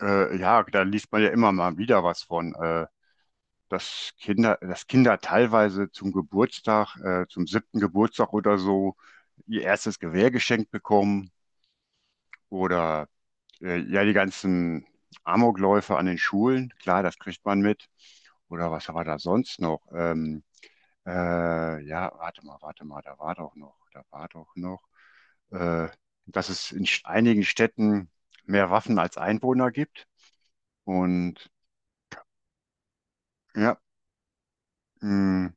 Ja, da liest man ja immer mal wieder was von, dass Kinder teilweise zum Geburtstag, zum siebten Geburtstag oder so, ihr erstes Gewehr geschenkt bekommen oder ja, die ganzen Amokläufe an den Schulen, klar, das kriegt man mit. Oder was war da sonst noch? Ja, warte mal, da war doch noch, äh, dass es in einigen Städten mehr Waffen als Einwohner gibt und ja, hm.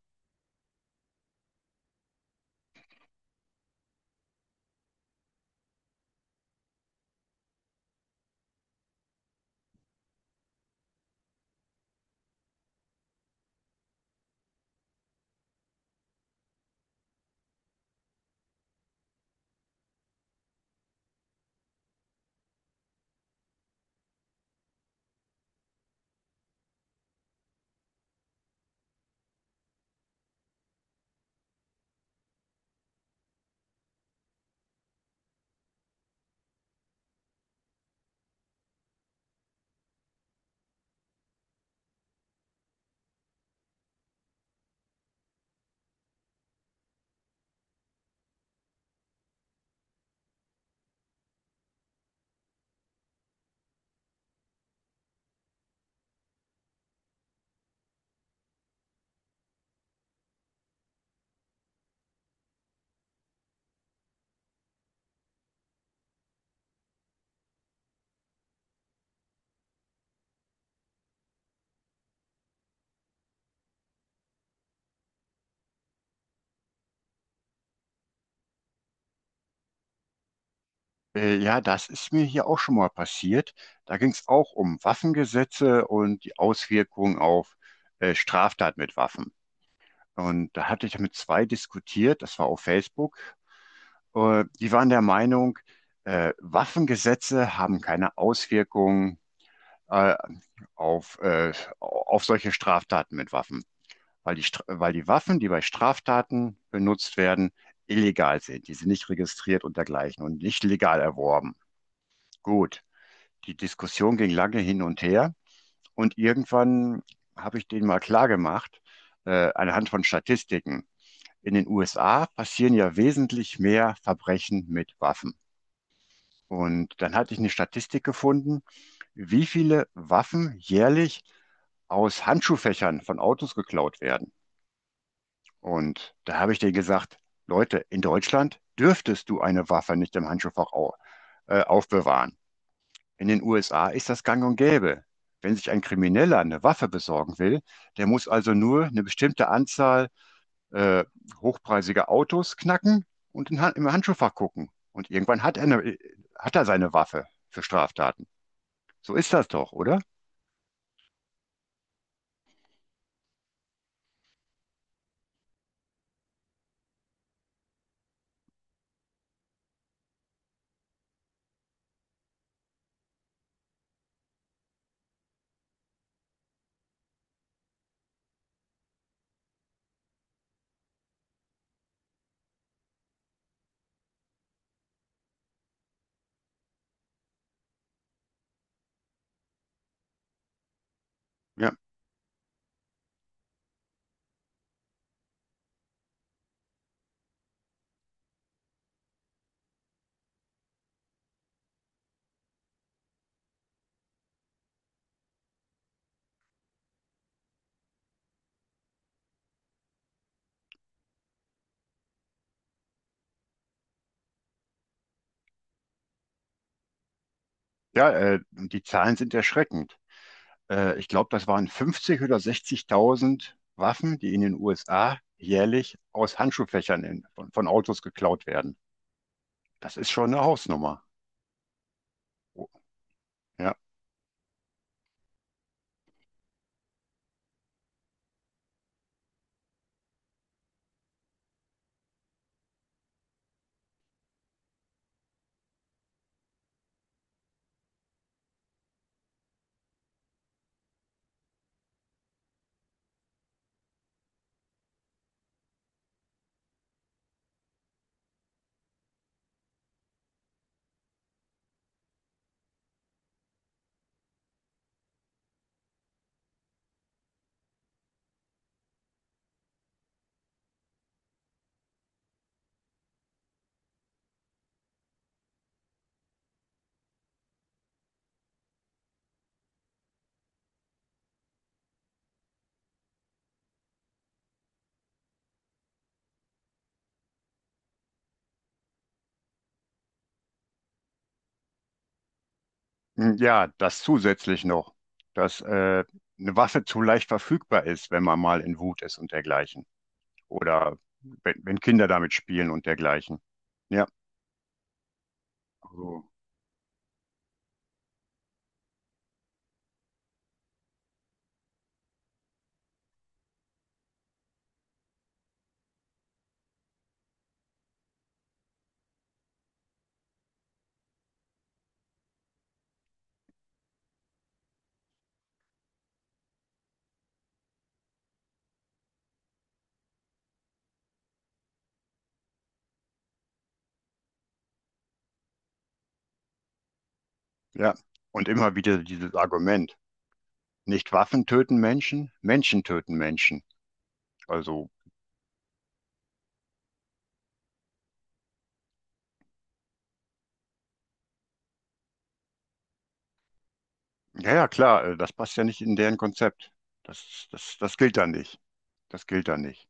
Ja, das ist mir hier auch schon mal passiert. Da ging es auch um Waffengesetze und die Auswirkungen auf Straftat mit Waffen. Und da hatte ich mit zwei diskutiert, das war auf Facebook. Die waren der Meinung, Waffengesetze haben keine Auswirkungen äh, auf, äh, auf solche Straftaten mit Waffen, weil weil die Waffen, die bei Straftaten benutzt werden, illegal sind. Die sind nicht registriert und dergleichen und nicht legal erworben. Gut, die Diskussion ging lange hin und her und irgendwann habe ich denen mal klargemacht, anhand von Statistiken. In den USA passieren ja wesentlich mehr Verbrechen mit Waffen. Und dann hatte ich eine Statistik gefunden, wie viele Waffen jährlich aus Handschuhfächern von Autos geklaut werden. Und da habe ich denen gesagt, Leute, in Deutschland dürftest du eine Waffe nicht im Handschuhfach au aufbewahren. In den USA ist das gang und gäbe. Wenn sich ein Krimineller eine Waffe besorgen will, der muss also nur eine bestimmte Anzahl äh, hochpreisiger Autos knacken und im Handschuhfach gucken. Und irgendwann hat er seine Waffe für Straftaten. So ist das doch, oder? Ja, ja, die Zahlen sind erschreckend. Ich glaube, das waren 50 oder 60.000 Waffen, die in den USA jährlich aus Handschuhfächern von Autos geklaut werden. Das ist schon eine Hausnummer. Oh, ja. Hm, ja, das zusätzlich noch, dass eine Waffe zu leicht verfügbar ist, wenn man mal in Wut ist und dergleichen. Oder wenn Kinder damit spielen und dergleichen. Ja, also, ja. Und immer wieder dieses Argument: nicht Waffen töten Menschen, Menschen töten Menschen. Also, ja, ja, klar, das passt ja nicht in deren Konzept. Das gilt da nicht. Das gilt da nicht.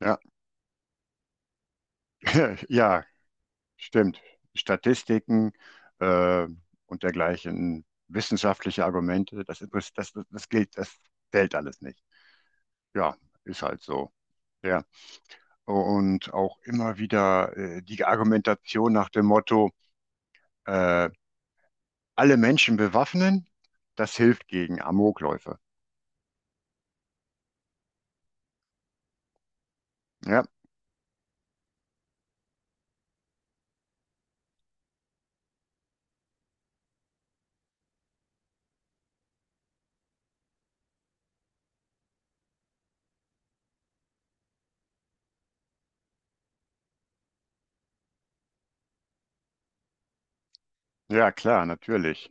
Ja, ja, stimmt. Statistiken äh, und dergleichen, wissenschaftliche Argumente, das, interess- das, das, das gilt, das zählt alles nicht. Ja, ist halt so. Ja. Und auch immer wieder die Argumentation nach dem Motto: äh, alle Menschen bewaffnen, das hilft gegen Amokläufe. Ja, ja, klar, natürlich.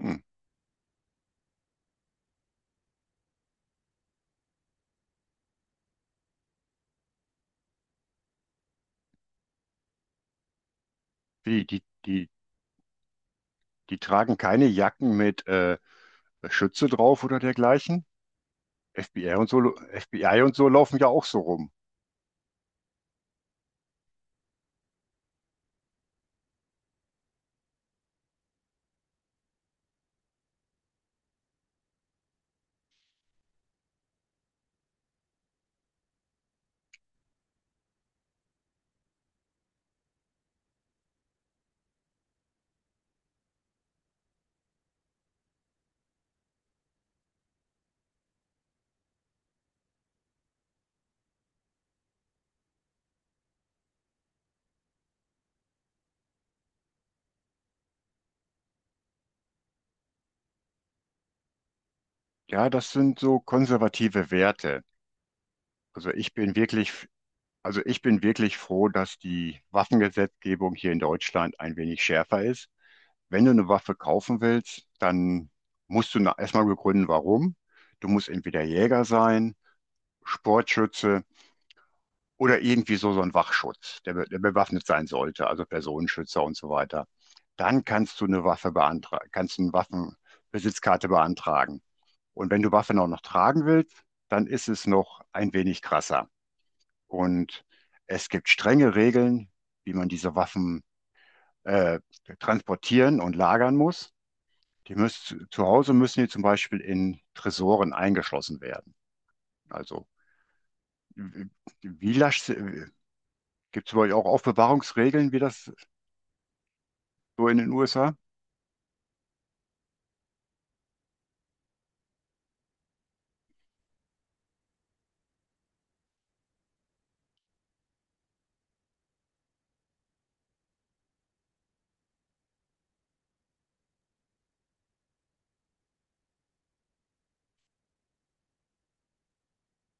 Hm. Wie, die tragen keine Jacken mit Schütze drauf oder dergleichen. FBI und so, laufen ja auch so rum. Ja, das sind so konservative Werte. Also ich bin wirklich, also ich bin wirklich froh, dass die Waffengesetzgebung hier in Deutschland ein wenig schärfer ist. Wenn du eine Waffe kaufen willst, dann musst du erstmal begründen, warum. Du musst entweder Jäger sein, Sportschütze oder irgendwie so ein Wachschutz, der bewaffnet sein sollte, also Personenschützer und so weiter. Dann kannst du eine Waffe beantragen, kannst eine Waffenbesitzkarte beantragen. Und wenn du Waffen auch noch tragen willst, dann ist es noch ein wenig krasser. Und es gibt strenge Regeln, wie man diese Waffen äh, transportieren und lagern muss. Zu Hause müssen die zum Beispiel in Tresoren eingeschlossen werden. Also wie, wie lasch, gibt es bei euch auch Aufbewahrungsregeln, wie das so in den USA?